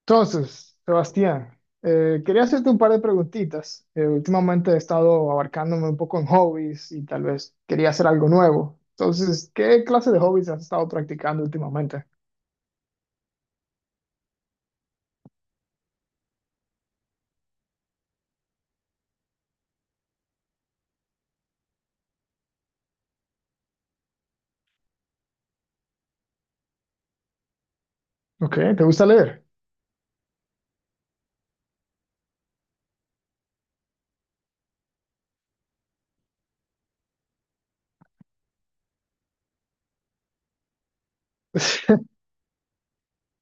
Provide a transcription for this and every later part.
Entonces, Sebastián, quería hacerte un par de preguntitas. Últimamente he estado abarcándome un poco en hobbies y tal vez quería hacer algo nuevo. Entonces, ¿qué clase de hobbies has estado practicando últimamente? Ok, ¿te gusta leer?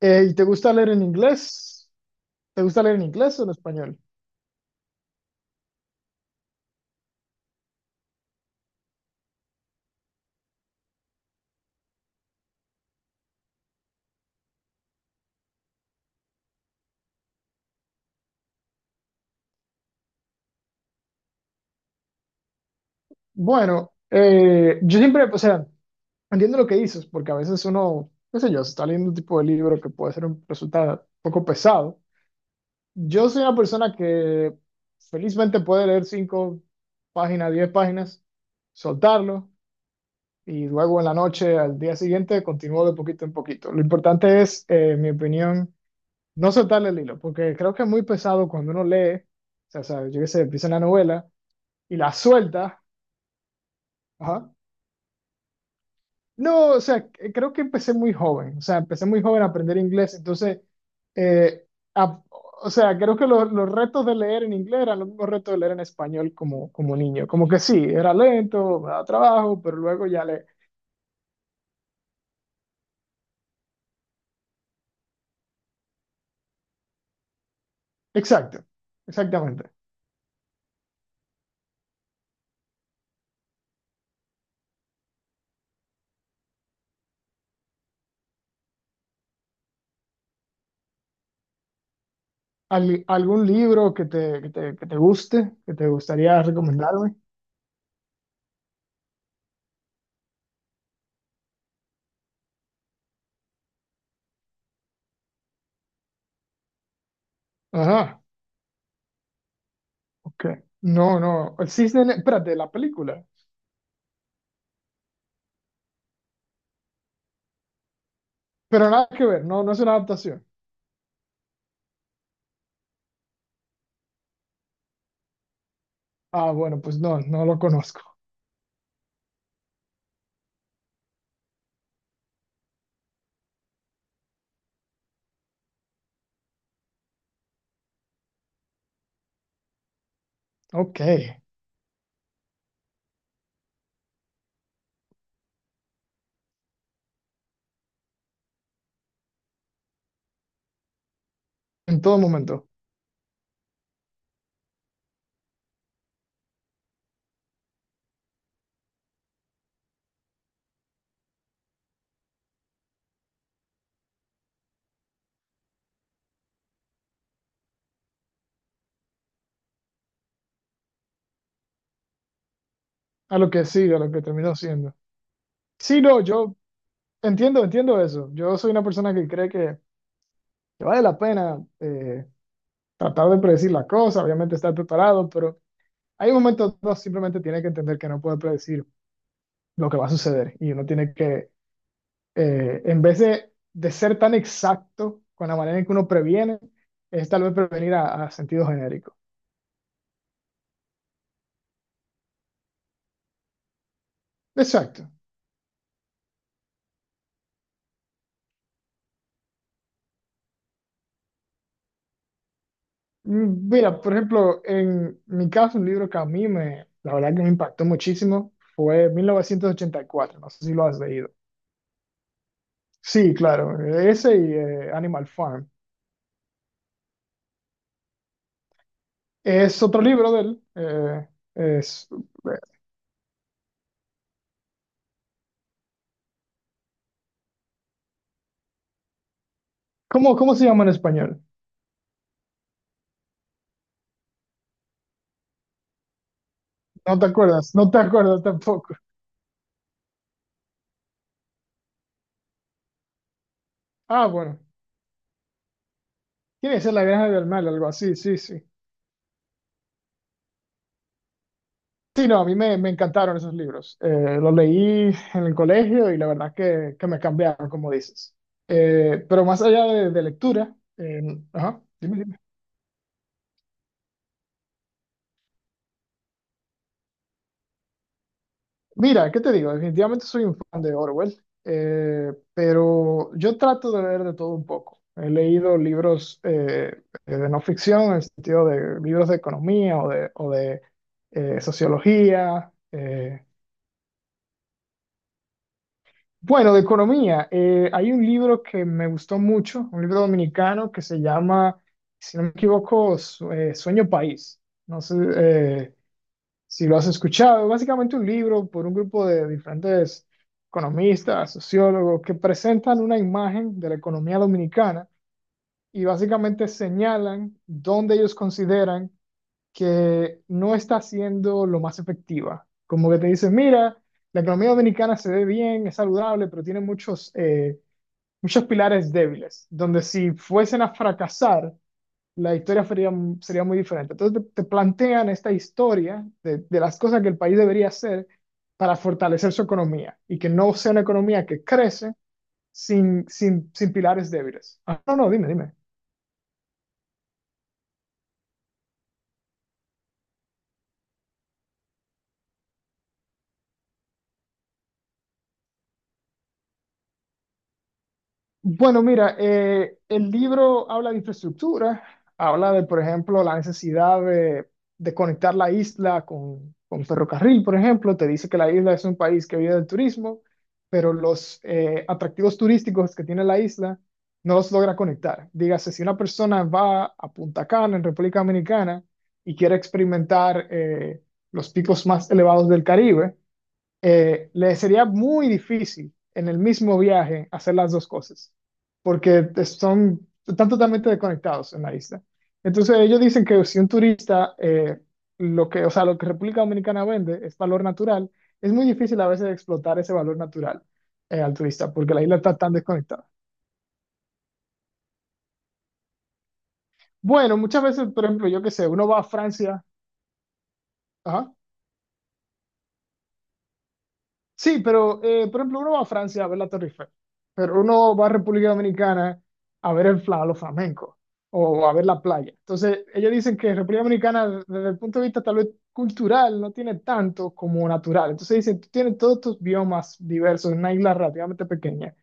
¿Y te gusta leer en inglés? ¿Te gusta leer en inglés o en español? Bueno, yo siempre, o sea, entiendo lo que dices, porque a veces uno, qué sé yo, se está leyendo un tipo de libro que puede ser un, resulta un poco pesado. Yo soy una persona que felizmente puede leer cinco páginas, diez páginas, soltarlo y luego en la noche, al día siguiente, continúo de poquito en poquito. Lo importante es, en mi opinión, no soltarle el hilo, porque creo que es muy pesado cuando uno lee, o sea, yo qué sé, empieza una novela y la suelta, ajá. No, o sea, creo que empecé muy joven, o sea, empecé muy joven a aprender inglés, entonces, eh, a- o sea, creo que los retos de leer en inglés eran los mismos retos de leer en español como, como niño, como que sí, era lento, me daba trabajo, pero luego ya le... Exacto, exactamente. ¿Algún libro que te, que te, que te guste, que te gustaría recomendarme? Ajá, ok. No, no, El Cisne, espérate, la película, pero nada que ver, no, no es una adaptación. Ah, bueno, pues no, no lo conozco. Ok. En todo momento, a lo que sigue, a lo que terminó siendo. Sí, no, yo entiendo, entiendo eso. Yo soy una persona que cree que vale la pena tratar de predecir las cosas, obviamente estar preparado, pero hay momentos donde uno simplemente tiene que entender que no puede predecir lo que va a suceder y uno tiene que, en vez de ser tan exacto con la manera en que uno previene, es tal vez prevenir a sentido genérico. Exacto. Mm, mira, por ejemplo, en mi caso, un libro que a mí me, la verdad que me impactó muchísimo fue 1984, no sé si lo has leído. Sí, claro, ese y Animal Farm. Es otro libro de él. Es, ¿cómo, cómo se llama en español? No te acuerdas, no te acuerdas tampoco. Ah, bueno, tiene que ser La Granja del Mal, algo así, sí, sí. Sí, no, a mí me, me encantaron esos libros. Los leí en el colegio y la verdad que me cambiaron, como dices. Pero más allá de lectura, ajá, dime, dime. Mira, ¿qué te digo? Definitivamente soy un fan de Orwell, pero yo trato de leer de todo un poco. He leído libros de no ficción, en el sentido de libros de economía o de sociología. Bueno, de economía, hay un libro que me gustó mucho, un libro dominicano que se llama, si no me equivoco, Sueño País. No sé si lo has escuchado. Básicamente un libro por un grupo de diferentes economistas, sociólogos, que presentan una imagen de la economía dominicana y básicamente señalan dónde ellos consideran que no está siendo lo más efectiva. Como que te dicen, mira, la economía dominicana se ve bien, es saludable, pero tiene muchos, muchos pilares débiles, donde si fuesen a fracasar, la historia sería, sería muy diferente. Entonces te plantean esta historia de las cosas que el país debería hacer para fortalecer su economía y que no sea una economía que crece sin, sin, sin pilares débiles. Ah, no, no, dime, dime. Bueno, mira, el libro habla de infraestructura, habla de, por ejemplo, la necesidad de conectar la isla con ferrocarril, por ejemplo. Te dice que la isla es un país que vive del turismo, pero los atractivos turísticos que tiene la isla no los logra conectar. Dígase, si una persona va a Punta Cana, en República Dominicana, y quiere experimentar los picos más elevados del Caribe, le sería muy difícil en el mismo viaje hacer las dos cosas, porque son, están totalmente desconectados en la isla. Entonces ellos dicen que si un turista, lo que, o sea, lo que República Dominicana vende es valor natural, es muy difícil a veces explotar ese valor natural al turista, porque la isla está tan desconectada. Bueno, muchas veces, por ejemplo, yo qué sé, uno va a Francia, ajá. Sí, pero por ejemplo, uno va a Francia a ver la Torre Eiffel, pero uno va a República Dominicana a ver el fla, los flamencos o a ver la playa. Entonces, ellos dicen que República Dominicana, desde el punto de vista tal vez cultural, no tiene tanto como natural. Entonces, dicen, tú tienes todos estos biomas diversos en una isla relativamente pequeña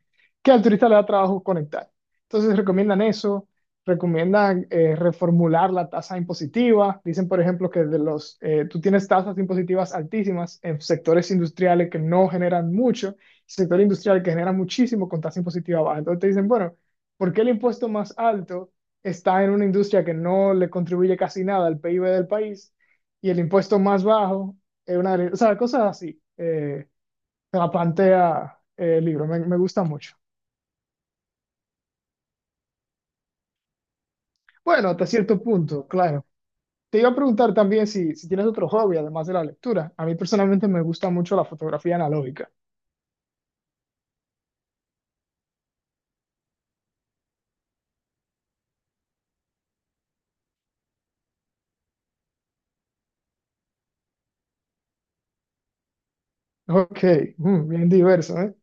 que al turista le da trabajo conectar. Entonces, recomiendan eso recomiendan reformular la tasa impositiva. Dicen, por ejemplo, que de los, tú tienes tasas impositivas altísimas en sectores industriales que no generan mucho, sector industrial que genera muchísimo con tasa impositiva baja. Entonces te dicen, bueno, ¿por qué el impuesto más alto está en una industria que no le contribuye casi nada al PIB del país y el impuesto más bajo es una... O sea, cosas así. Se la plantea el libro, me gusta mucho. Bueno, hasta cierto punto, claro. Te iba a preguntar también si, si tienes otro hobby además de la lectura. A mí personalmente me gusta mucho la fotografía analógica. Ok, mm, bien diverso, ¿eh?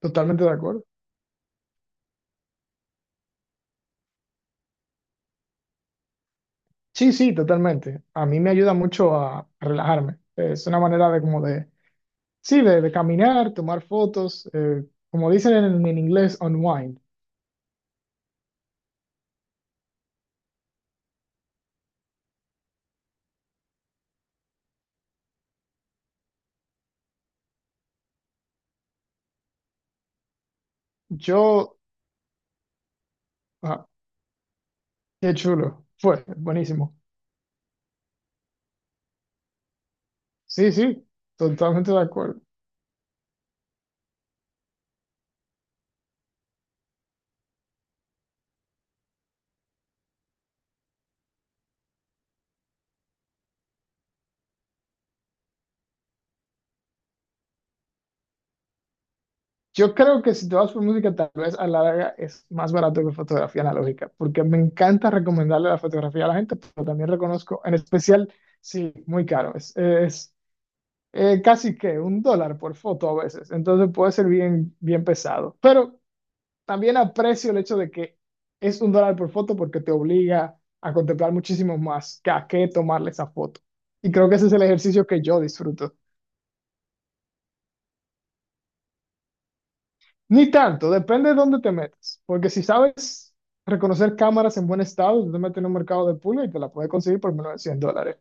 Totalmente de acuerdo. Sí, sí, totalmente. A mí me ayuda mucho a relajarme. Es una manera de como de, sí, de caminar, tomar fotos, como dicen en inglés, unwind. Yo, ah, qué chulo. Fue, buenísimo. Sí, sí, totalmente de acuerdo. Yo creo que si te vas por música, tal vez a la larga es más barato que fotografía analógica, porque me encanta recomendarle la fotografía a la gente, pero también reconozco, en especial, sí, muy caro. Es casi que un dólar por foto a veces, entonces puede ser bien, bien pesado. Pero también aprecio el hecho de que es un dólar por foto porque te obliga a contemplar muchísimo más que a qué tomarle esa foto. Y creo que ese es el ejercicio que yo disfruto. Ni tanto, depende de dónde te metas. Porque si sabes reconocer cámaras en buen estado, tú te metes en un mercado de pulga y te la puedes conseguir por menos de $100.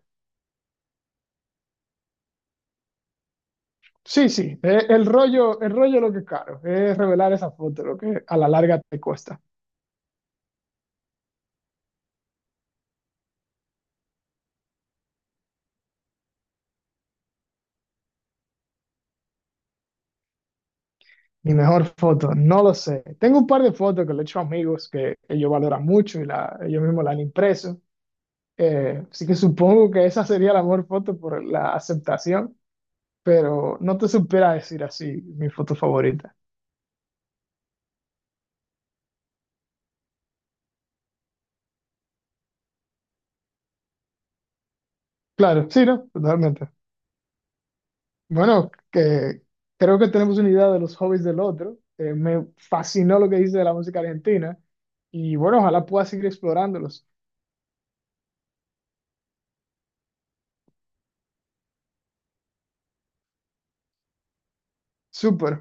Sí, sí, el rollo es lo que es caro, es revelar esa foto, lo que a la larga te cuesta. Mi mejor foto, no lo sé. Tengo un par de fotos que le he hecho a amigos que ellos valoran mucho y la, ellos mismos la han impreso. Así que supongo que esa sería la mejor foto por la aceptación, pero no te supiera decir así mi foto favorita. Claro, sí, ¿no? Totalmente. Bueno, que creo que tenemos una idea de los hobbies del otro. Me fascinó lo que dice de la música argentina y bueno, ojalá pueda seguir explorándolos. Súper.